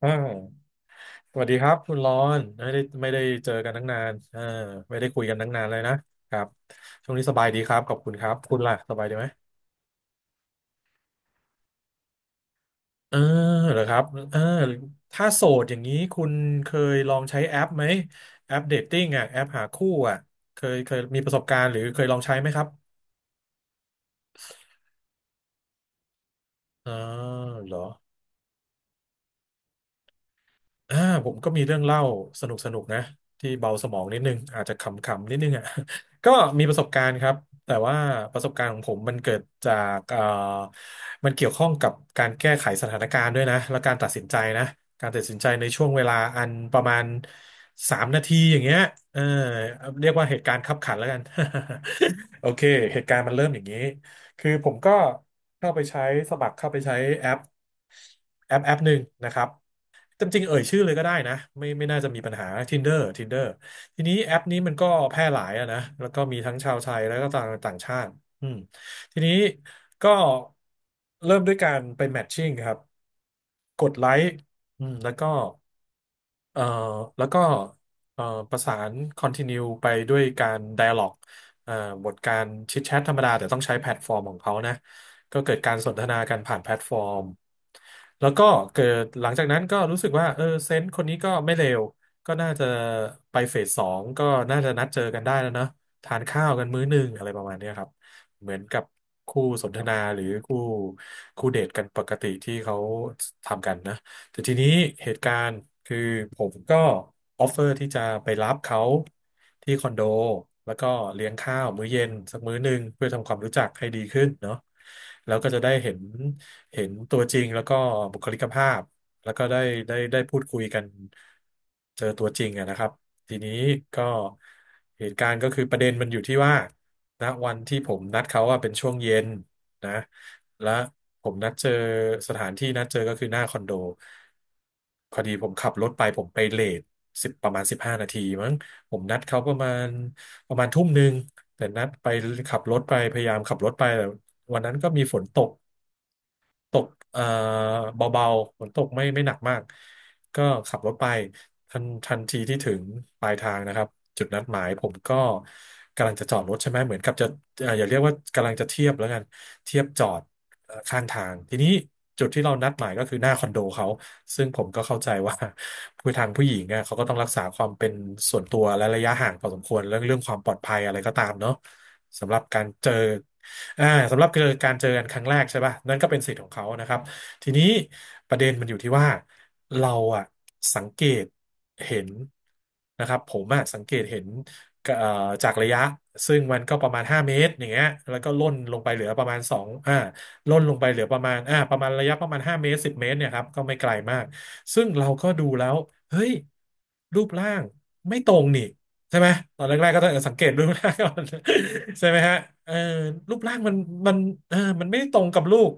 อ่าสวัสดีครับคุณรอนไม่ได้เจอกันตั้งนานไม่ได้คุยกันตั้งนานเลยนะครับช่วงนี้สบายดีครับขอบคุณครับคุณล่ะสบายดีไหมเออเหรอครับเออถ้าโสดอย่างนี้คุณเคยลองใช้แอปไหมแอปเดทติ้งอ่ะแอปหาคู่อ่ะเคยมีประสบการณ์หรือเคยลองใช้ไหมครับอ๋อเหรอ อ่าผมก็มีเรื่องเล่าสนุกนะที่เบาสมองนิดนึงอาจจะขำๆนิดนึงอ่ะ ก็มีประสบการณ์ครับแต่ว่าประสบการณ์ของผมมันเกิดจากมันเกี่ยวข้องกับการแก้ไขสถานการณ์ด้วยนะและการตัดสินใจนะการตัดสินใจในช่วงเวลาอันประมาณสามนาทีอย่างเงี้ยเออเรียกว่าเหตุการณ์คับขันแล้วกัน โอเคเหตุการณ์มันเริ่มอย่างนี้คือผมก็เข้าไปใช้สมัครเข้าไปใช้แอปแอปหนึ่งนะครับ จำจริงๆเอ่ยชื่อเลยก็ได้นะไม่น่าจะมีปัญหา Tinder Tinder ทีนี้แอปนี้มันก็แพร่หลายอะนะแล้วก็มีทั้งชาวไทยแล้วก็ต่างต่างชาติอืมทีนี้ก็เริ่มด้วยการไปแมทชิ่งครับกดไลค์อืมแล้วก็ เอ่อแล้วก็เอ่อประสาน continue ไปด้วยการ dialog เอ่อบทการแชทธรรมดาแต่ต้องใช้แพลตฟอร์มของเขานะก็เกิดการสนทนากันผ่านแพลตฟอร์มแล้วก็เกิดหลังจากนั้นก็รู้สึกว่าเออเซนส์คนนี้ก็ไม่เลวก็น่าจะไปเฟสสองก็น่าจะนัดเจอกันได้แล้วเนอะทานข้าวกันมื้อหนึงอะไรประมาณเนี้ยครับเหมือนกับคู่สนทนาหรือคู่เดทกันปกติที่เขาทำกันนะ แต่ทีนี้เหตุการณ์คือผมก็ออฟเฟอร์ที่จะไปรับเขาที่คอนโดแล้วก็เลี้ยงข้าวมื้อเย็นสักมื้อหนึ่งเพื่อทำความรู้จักให้ดีขึ้นเนาะแล้วก็จะได้เห็นเห็นตัวจริงแล้วก็บุคลิกภาพแล้วก็ได้พูดคุยกันเจอตัวจริงอะนะครับทีนี้ก็เหตุการณ์ก็คือประเด็นมันอยู่ที่ว่าณวันที่ผมนัดเขาว่าเป็นช่วงเย็นนะ และผมนัดเจอสถานที่นัดเจอก็คือหน้าคอนโดพอดีผมขับรถไปผมไปเลทสิบประมาณ15 นาทีมั้งผมนัดเขาประมาณทุ่มหนึ่งแต่นัดไปขับรถไปพยายามขับรถไปแต่วันนั้นก็มีฝนตก ตกเอ่อเบาๆฝนตกไม่หนักมาก ก็ขับรถไปทันทีที่ถึงปลายทางนะครับจุดนัดหมายผมก็กำลังจะจอดรถใช่ไหมเหมือนกับจะอย่าเรียกว่ากำลังจะเทียบแล้วกันเทียบจอดข้างทางทีนี้จุดที่เรานัดหมายก็คือหน้าคอนโดเขาซึ่งผมก็เข้าใจว่า ผู้ทางผู้หญิงอ่ะเขาก็ต้องรักษาความเป็นส่วนตัวและระยะห่างพอสมควรเรื่องความปลอดภัยอะไรก็ตามเนาะสำหรับการเจอ อ่าสำหรับคือการเจอกันครั้งแรกใช่ป่ะนั่นก็เป็นสิทธิ์ของเขานะครับทีนี้ประเด็นมันอยู่ที่ว่าเราอะสังเกตเห็นนะครับผมอะสังเกตเห็นก็จากระยะซึ่งมันก็ประมาณห้าเมตรอย่างเงี้ยแล้วก็ล่นลงไปเหลือประมาณสองล่นลงไปเหลือประมาณประมาณระยะประมาณ5เมตร10เมตรเนี่ยครับก็ไม่ไกลมากซึ่งเราก็ดูแล้วเฮ้ยรูปร่างไม่ตรงนี่ ใช่ไหมตอนแรกๆก็ต้องสังเกตรูปร่างก่อน ใช่ไหมฮะเออรูปร่างมันเออมันไม่ตรงกับลูก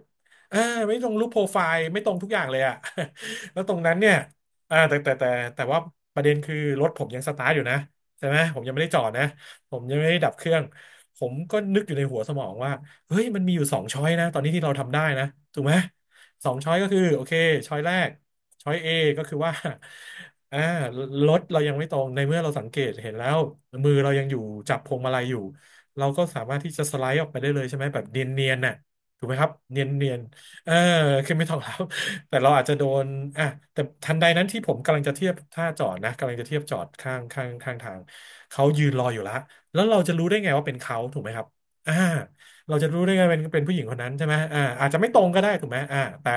เออไม่ตรงรูปโปรไฟล์ไม่ตรงทุกอย่างเลยอะ แล้วตรงนั้นเนี่ยอ่าแต่แต่แต่แต่ว่าประเด็นคือรถผมยังสตาร์ทอยู่นะใช่ไหมผมยังไม่ได้จอดนะผมยังไม่ได้ดับเครื่องผมก็นึกอยู่ในหัวสมองว่าเฮ้ยมันมีอยู่สองช้อยนะตอนนี้ที่เราทำได้นะถูกไหมสองช้อยก็คือโอเคช้อยแรก ช้อย A ก็คือว่า อ่า รถเรายังไม่ตรงในเมื่อเราสังเกตเห็นแล้วมือเรายังอยู่จับพวงมาลัยอยู่เราก็สามารถที่จะสไลด์ออกไปได้เลยใช่ไหมแบบเนียนๆน่ะถูกไหมครับเนียนๆเออ คือไม่ต้องแล้ว แต่เราอาจจะโดนอ่ะแต่ทันใดนั้นที่ผมกำลังจะเทียบท่าจอดนะกำลังจะเทียบจอดข้างทางเขายืนรออยู่แล้วแล้วเราจะรู้ได้ไงว่าเป็นเขาถูกไหมครับอ่าเราจะรู้ได้ไงเป็นผู้หญิงคนนั้นใช่ไหมอ่าอาจจะไม่ตรงก็ได้ถูกไหมแต่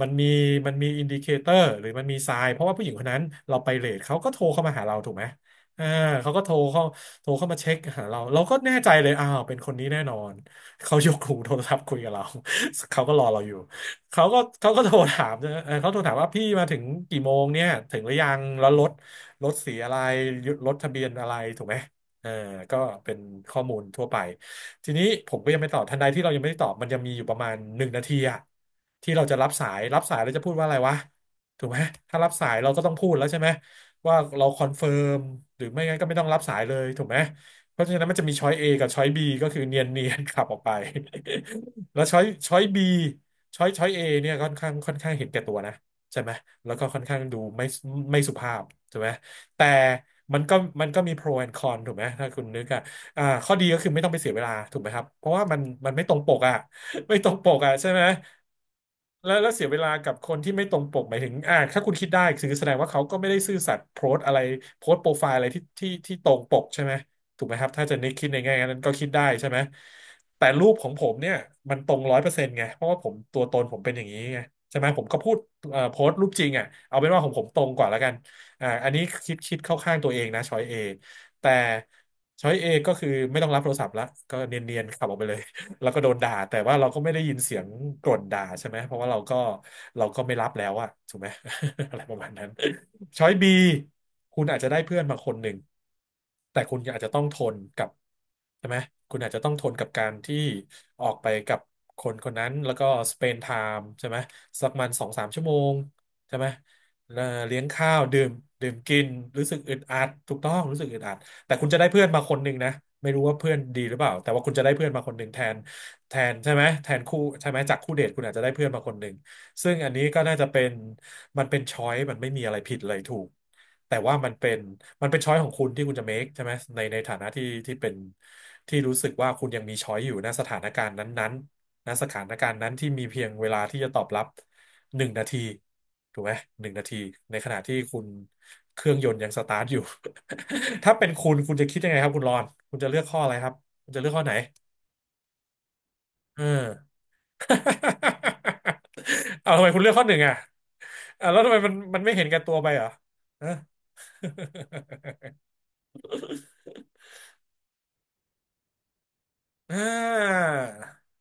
มันมีมันมีอินดิเคเตอร์หรือมันมีไซน์เพราะว่าผู้หญิงคนนั้นเราไปเลทเขาก็โทรเข้ามาหาเราถูกไหมเออเขาก็โทรเข้าโทรเข้ามาเช็คหาเราเราก็แน่ใจเลยอ้าวเป็นคนนี้แน่นอนเขายกหูโทรศัพท์คุยกับเรา เขาก็รอเราอยู่เขาก็โทรถามนะเออเขาโทรถามว่าพี่มาถึงกี่โมงเนี่ยถึงหรือยังแล้วรถรถสีอะไรรถทะเบียนอะไรถูกไหมเออก็เป็นข้อมูลทั่วไป ทีนี้ผมก็ยังไม่ตอบทันใดที่เรายังไม่ได้ตอบมันยังมีอยู่ประมาณหนึ่งนาทีอะที่เราจะรับสายรับสายเราจะพูดว่าอะไรวะถูกไหมถ้ารับสายเราก็ต้องพูดแล้วใช่ไหมว่าเราคอนเฟิร์มหรือไม่งั้นก็ไม่ต้องรับสายเลยถูกไหมเพราะฉะนั้นมันจะมีช้อย A กับช้อย B ก็คือเนียนขับออกไป แล้วช้อย B ช้อย A เนี่ยค่อนข้างเห็นแก่ตัวนะใช่ไหมแล้วก็ค่อนข้างดูไม่สุภาพถูกไหมแต่มันก็มันก็มี pro and con ถูกไหมถ้าคุณนึกอะ อ่าข้อดีก็คือไม่ต้องไปเสียเวลาถูกไหมครับเพราะว่ามันไม่ตรงปกอ่ะ ไม่ตรงปกอ่ะใช่ไหมแล้วเสียเวลากับคนที่ไม่ตรงปกหมายถึงอ่าถ้าคุณคิดได้คือแสดงว่าเขาก็ไม่ได้ซื่อสัตย์โพสต์อะไรโพสต์โปรไฟล์อะไรที่ตรงปกใช่ไหมถูกไหมครับถ้าจะนึกคิดในแง่นั้นก็คิดได้ใช่ไหมแต่รูปของผมเนี่ยมันตรง100%ไงเพราะว่าผมตัวตนผมเป็นอย่างนี้ไงใช่ไหมผมก็พูดโพสต์รูปจริงอ่ะเอาเป็นว่าของผมตรงกว่าแล้วกันอ่าอันนี้คิดเข้าข้างตัวเองนะช้อยเอ แต่ช้อยเอก็คือไม่ต้องรับโทรศัพท์ละก็เนียนๆขับออกไปเลย แล้วก็โดนด่าแต่ว่าเราก็ไม่ได้ยินเสียงกร่นด่าใช่ไหมเพราะว่าเราก็ไม่รับแล้วอะถูกไหม อะไรประมาณนั้น ช้อยบีคุณอาจจะได้เพื่อนมาคนหนึ่งแต่คุณอาจจะต้องทนกับใช่ไหมคุณอาจจะต้องทนกับการที่ออกไปกับคนคนนั้นแล้วก็สเปนไทม์ใช่ไหมสักมันสองสามชั่วโมงใช่ไหมเอเลี้ยงข้าวดื่มดื่มกินรู้สึกอึดอัดถูกต้องรู้สึกอึดอัดแต่คุณจะได้เพื่อนมาคนหนึ่งนะไม่รู้ว่าเพื่อนดีหรือเปล่าแต่ว่าคุณจะได้เพื่อนมาคนหนึ่งแทนแทนใช่ไหมแทนคู่ใช่ไหมจากคู่เดทคุณอาจจะได้เพื่อนมาคนหนึ่ง ซึ่งอันนี้ก็น่าจะเป็นมันเป็นช้อยมันไม่มีอะไรผิดอะไรถูกแต่ว่ามันเป็นช้อยของคุณที่คุณจะ make ใช่ไหมในฐานะที่เป็นที่รู้สึกว่าคุณยังมีช้อยอยู่ณสถานการณ์นั้นๆณสถานการณ์นั้นที่มีเพียงเวลาที่จะตอบรับหนึ่งนาทีถูกไหมหนึ่งนาทีในขณะที่คุณเครื่องยนต์ยังสตาร์ทอยู่ ถ้าเป็นคุณคุณจะคิดยังไงครับคุณรอนคุณจะเลือกข้ออะไรครับคุณจะเลือกข้อไหนเออ เอาทำไมคุณเลือกข้อหนึ่งอ่ะอ่ะแล้วทำไมมันไม่เห็นแก่ตัวไปเหรอฮะ อ่า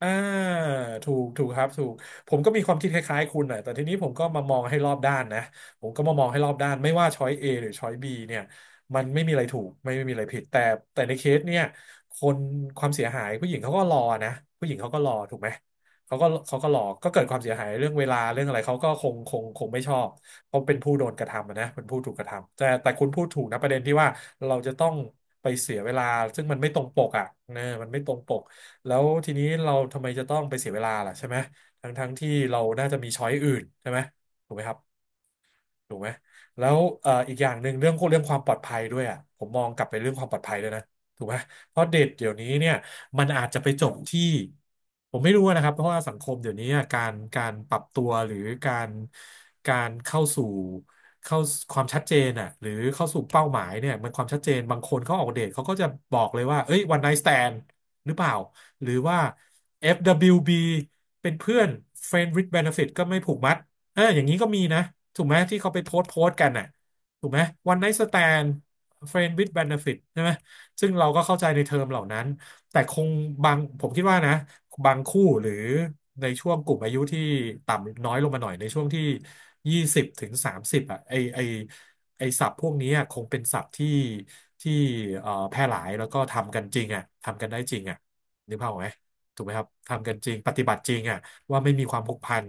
อ่าถูกถูกครับถูกผมก็มีความคิดคล้ายๆคุณหน่อยแต่ทีนี้ผมก็มามองให้รอบด้านนะผมก็มามองให้รอบด้านไม่ว่าช้อย A หรือช้อย B เนี่ยมันไม่มีอะไรถูกไม่มีอะไรผิดแต่ในเคสเนี่ยคนความเสียหายผู้หญิงเขาก็รอนะผู้หญิงเขาก็รอถูกไหมเขาก็รอก็เกิดความเสียหายเรื่องเวลาเรื่องอะไรเขาก็คงไม่ชอบเพราะเป็นผู้โดนกระทำอะนะเป็นผู้ถูกกระทำแต่คุณพูดถูกนะประเด็นที่ว่าเราจะต้องไปเสียเวลาซึ่งมันไม่ตรงปกอ่ะเออมันไม่ตรงปก แล้วทีนี้เราทำไมจะต้องไปเสียเวลาล่ะใช่ไหมทั้งที่เราน่าจะมีช้อยอื่นใช่ไหมถูกไหมครับ ถูกไหมแล้วอีกอย่างหนึ่งเรื่องความปลอดภัยด้วยอ่ะผมมองกลับไปเรื่องความปลอดภัยด้วยนะถูกไหมเพราะเด็กเดี๋ยวนี้เนี่ยมันอาจจะไปจบที่ผมไม่รู้นะครับ เพราะว่าสังคมเดี๋ยวนี้อะการปรับตัวหรือการการเข้าสู่เข้าความชัดเจนอ่ะหรือเข้าสู่เป้าหมายเนี่ยมันความชัดเจนบางคนเขาออกเดทเขาก็จะบอกเลยว่าเอ้ยวันไน t ์สแตนด์หรือเปล่าหรือว่า FWB เบิลยูบีเป็นเพื่อน Friend with Benefit ก็ไม่ผูกมัด เอออย่างนี้ก็มีนะถูกไหมที่เขาไปโพสต์กันน่ะถูกไหมวันไน t ์สแตน friend with benefit ใช่ไหมซึ่งเราก็เข้าใจในเทอมเหล่านั้นแต่คงบางผมคิดว่านะบางคู่หรือในช่วงกลุ่มอายุที่ต่ำน้อยลงมาหน่อยในช่วงที่20 ถึง 30อ่ะไอไอศัพท์พวกนี้อะคงเป็นศัพท์ที่แพร่หลายแล้วก็ทำกันจริงอ่ะทำกันได้จริงอ่ะนึกภาพออกไหมถูกไหมครับทำกันจริงปฏิบัติจริงอ่ะว่าไม่มีความผูกพัน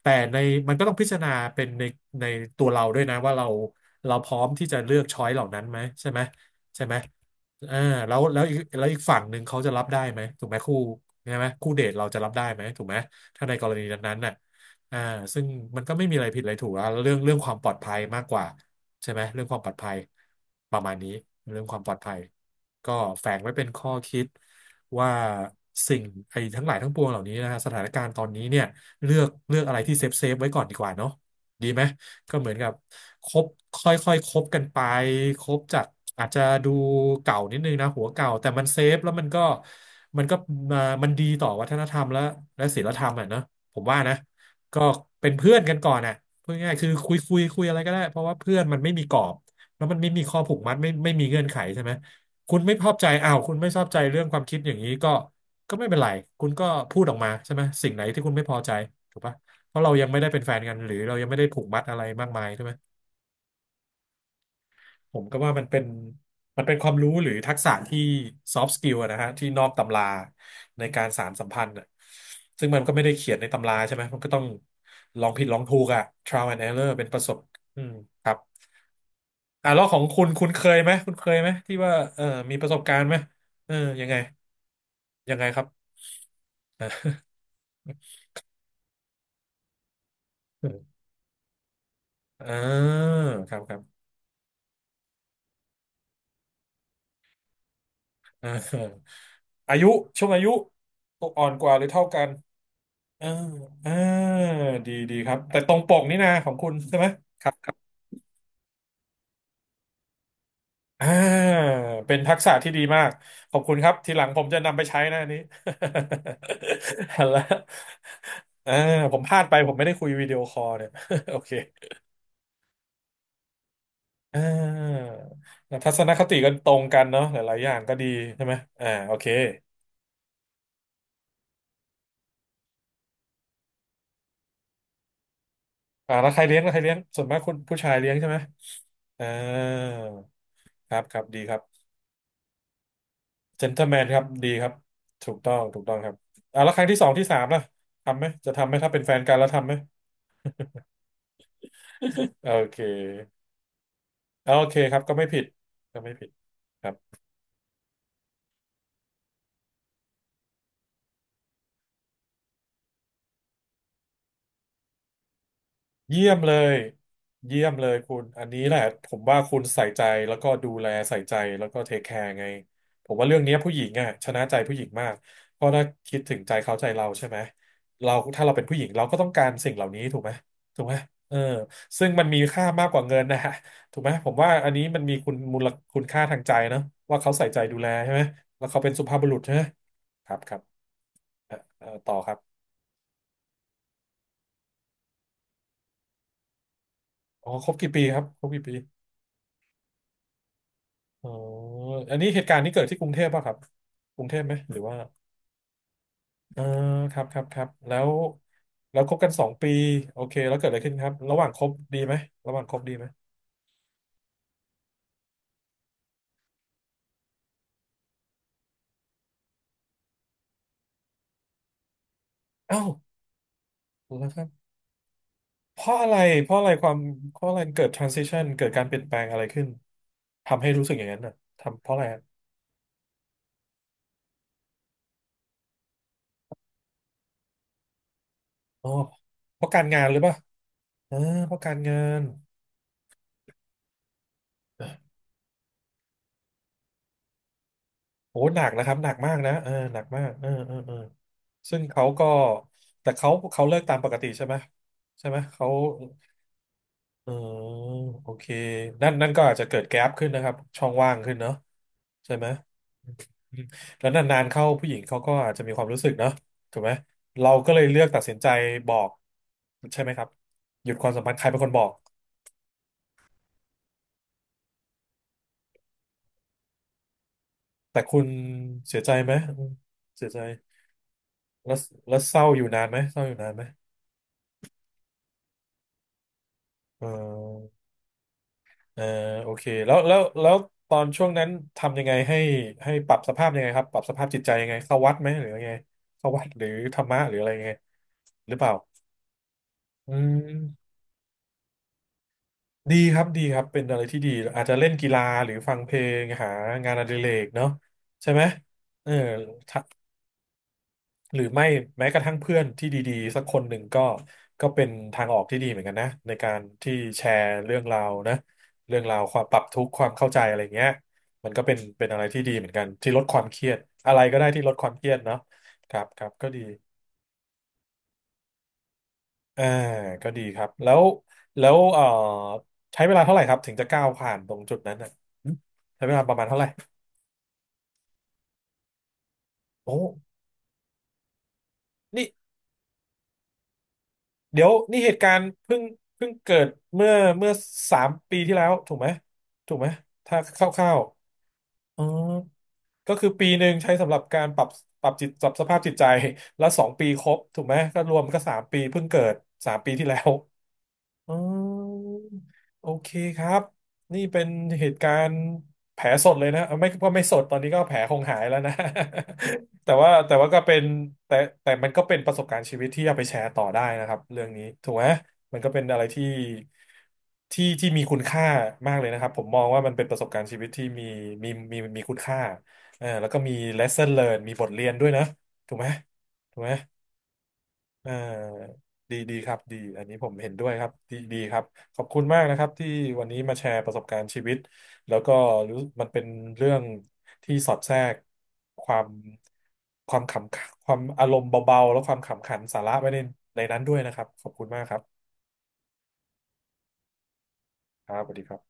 แต่ในมันก็ต้องพิจารณาเป็นในตัวเราด้วยนะว่าเราเราพร้อมที่จะเลือกช้อยเหล่านั้นไหมใช่ไหมใช่ไหมเออแล้วอีกฝั่งหนึ่งเขาจะรับได้ไหมถูกไหมคู่ใช่ไหมคู่เดทเราจะรับได้ไหมถูกไหมถ้าในกรณีนั้นๆน่ะอ่าซึ่งมันก็ไม่มีอะไรผิดอะไรถูกอะเรื่องความปลอดภัยมากกว่าใช่ไหมเรื่องความปลอดภัยประมาณนี้เรื่องความปลอดภัยก็แฝงไว้เป็นข้อคิดว่าสิ่งไอ้ทั้งหลายทั้งปวงเหล่านี้นะฮะสถานการณ์ตอนนี้เนี่ย เลือกอะไรที่เซฟไว้ก่อนดีกว่าเนาะดีไหมก็เหมือนกับคบค่อยค่อยคบกันไปคบจากอาจจะดูเก่านิดนึงนะหัวเก่าแต่มันเซฟแล้วมันก็มามันดีต่อวัฒนธรรมและและศีลธรรมอ่ะเนอะผมว่านะก็เป็นเพื่อนกันก่อนอ่ะพูดง่ายๆคือคุยอะไรก็ได้เพราะว่าเพื่อนมันไม่มีกรอบแล้วมันไม่มีข้อผูกมัดไม่มีเงื่อนไขใช่ไหม คุณไม่ชอบใจอ้าวคุณไม่ชอบใจเรื่องความคิดอย่างนี้ก็ก็ไม่เป็นไร คุณก็พูดออกมาใช่ไหมสิ่งไหนที่คุณไม่พอใจถูกปะเพราะเรายังไม่ได้เป็นแฟนกันหรือเรายังไม่ได้ผูกมัดอะไรมากมายใช่ไหมผมก็ว่ามันเป็น มันเป็นความรู้หรือทักษะที่ซอฟต์สกิลนะฮะที่นอกตำราในการสานสัมพันธ์อะซึ่งมันก็ไม่ได้เขียนในตำราใช่ไหมมันก็ต้องลองผิดลองถูกอะ trial and error เป็นประสบอืมครับอ่ะแล้วของคุณคุณเคยไหมคุณเคยไหมที่ว่าเออมีประสบการณ์ไหมเออยังไงยังไงครับ อ่าครับครับอ่าอายุช่วงอายุอ่อนกว่าหรือเท่ากันอ่าอ่าดีครับแต่ตรงปกนี่นะของคุณใช่ไหมครับครับอ่าเป็นทักษะที่ดีมากขอบคุณครับทีหลังผมจะนำไปใช้นะอันนี้ ฮัล้วเออผมพลาดไปผมไม่ได้คุยวิดีโอคอลเนี่ย โอเคอ่าทัศนคติกันตรงกันเนาะหลายๆอย่างก็ดีใช่ไหมอ่าโอเค อ่าแล้วใครเลี้ยงแล้วใครเลี้ยงส่วนมากคุณผู้ชายเลี้ยงใช่ไหมอ่าครับครับดีครับเจน t l e m แมนครับดีครับถูกต้องถูกต้องครับอ่าแล้วครั้งที่สองที่สามล่ะทำไหมจะทำไหมถ้าเป็นแฟนกันแล้วทำไหม โอเคโอเคครับก็ไม่ผิดก็ไม่ผิดครับ เยี่ยมเลยเยี่ยมเลยคุณอันนี้แหละผมว่าคุณใส่ใจแล้วก็ดูแลใส่ใจแล้วก็เทคแคร์ไงผมว่าเรื่องเนี้ยผู้หญิงอ่ะชนะใจผู้หญิงมากเพราะถ้าคิดถึงใจเขาใจเราใช่ไหมเราถ้าเราเป็นผู้หญิงเราก็ต้องการสิ่งเหล่านี้ถูกไหมถูกไหมเออซึ่งมันมีค่ามากกว่าเงินนะฮะถูกไหมผมว่าอันนี้มันมีคุณมูลคุณค่าทางใจเนอะว่าเขาใส่ใจดูแลใช่ไหมแล้วเขาเป็นสุภาพบุรุษใช่ไหมครับครับต่อครับอ๋อครบกี่ปีครับครบกี่ปี อ๋ออันนี้เหตุการณ์นี้เกิดที่กรุงเทพป่ะครับกรุงเทพไหมหรือว่าเออครับครับครับแล้วคบกัน2 ปีโอเคแล้วเกิดอะไรขึ้นครับระหว่างคบดีไหมระหว่างคบดีไหมเอ้าแล้วครับเพราะอะไรเพราะอะไรความเพราะอะไรเกิด transition เกิดการเปลี่ยนแปลงอะไรขึ้นทำให้รู้สึกอย่างนั้นน่ะทำเพราะอะไรอะอ๋อเพราะการงานหรือเปล่าเออเพราะการงาน โอ้หนักนะครับหนักมากนะเออหนักมากเออเออเออซึ่งเขาก็แต่เขาเลิกตามปกติใช่ไหมใช่ไหมเขาเออโอเคนั่นก็อาจจะเกิดแก๊ปขึ้นนะครับช่องว่างขึ้นเนาะใช่ไหมอืมแล้วนานๆเข้าผู้หญิงเขาก็อาจจะมีความรู้สึกเนาะถูกไหมเราก็เลยเลือกตัดสินใจบอกใช่ไหมครับหยุดความสัมพันธ์ใครเป็นคนบอกแต่คุณเสียใจไหมอืมเสียใจแล้วแล้วเศร้าอยู่นานไหมเศร้าอยู่นานไหมเออ เออโอเคแล้วตอนช่วงนั้นทำยังไงให้ให้ปรับสภาพยังไงครับปรับสภาพจิตใจยังไงเข้าวัดไหมหรือยังไงเข้าวัดหรือธรรมะหรืออะไรยังไงหรือเปล่าอืมดีครับดีครับเป็นอะไรที่ดีอาจจะเล่นกีฬาหรือฟังเพลงหางานอดิเรกเนาะใช่ไหมเออ หรือไม่แม้กระทั่งเพื่อนที่ดีๆสักคนหนึ่งก็ก็เป็นทางออกที่ดีเหมือนกันนะในการที่แชร์เรื่องราวนะเรื่องราวความปรับทุกข์ความเข้าใจอะไรเงี้ยมันก็เป็นเป็นอะไรที่ดีเหมือนกันที่ลดความเครียดอะไรก็ได้ที่ลดความเครียดเนาะครับครับก็ดีอ่าก็ดีครับแล้วแล้วใช้เวลาเท่าไหร่ครับถึงจะก้าวผ่านตรงจุดนั้นอ่ะใช้เวลาประมาณเท่าไหร่โอ้นี่ เดี๋ยวนี่เหตุการณ์เพิ่งเพิ่งเกิดเมื่อเมื่อสามปีที่แล้วถูกไหมถูกไหมถ้าคร่าวๆอ๋อก็คือปีหนึ่งใช้สำหรับการปรับปรับจิตปรับสภาพจิตใจแล้ว2 ปีครบถูกไหมก็รวมก็สามปีเพิ่งเกิดสามปีที่แล้ว อ๋อโอเคครับนี่เป็นเหตุการณ์แผลสดเลยนะเอาไม่ก็ไม่สดตอนนี้ก็แผลคงหายแล้วนะ แต่ว่าก็เป็นแต่แต่มันก็เป็นประสบการณ์ชีวิตที่เอาไปแชร์ต่อได้นะครับเรื่องนี้ถูกไหมมันก็เป็นอะไรที่ที่มีคุณค่ามากเลยนะครับผมมองว่ามันเป็นประสบการณ์ชีวิตที่มีคุณค่าเออแล้วก็มี lesson learned มีบทเรียนด้วยนะถูกไหมถูกไหม เออดีดีครับดีอันนี้ผมเห็นด้วยครับดีดีครับขอบคุณมากนะครับที่วันนี้มาแชร์ประสบการณ์ชีวิตแล้วก็รู้มันเป็นเรื่องที่สอดแทรกความความขำความอารมณ์เบาๆแล้วความขำขันสาระไว้ในในนั้นด้วยนะครับขอบคุณมากครับครับสวัสดีครับ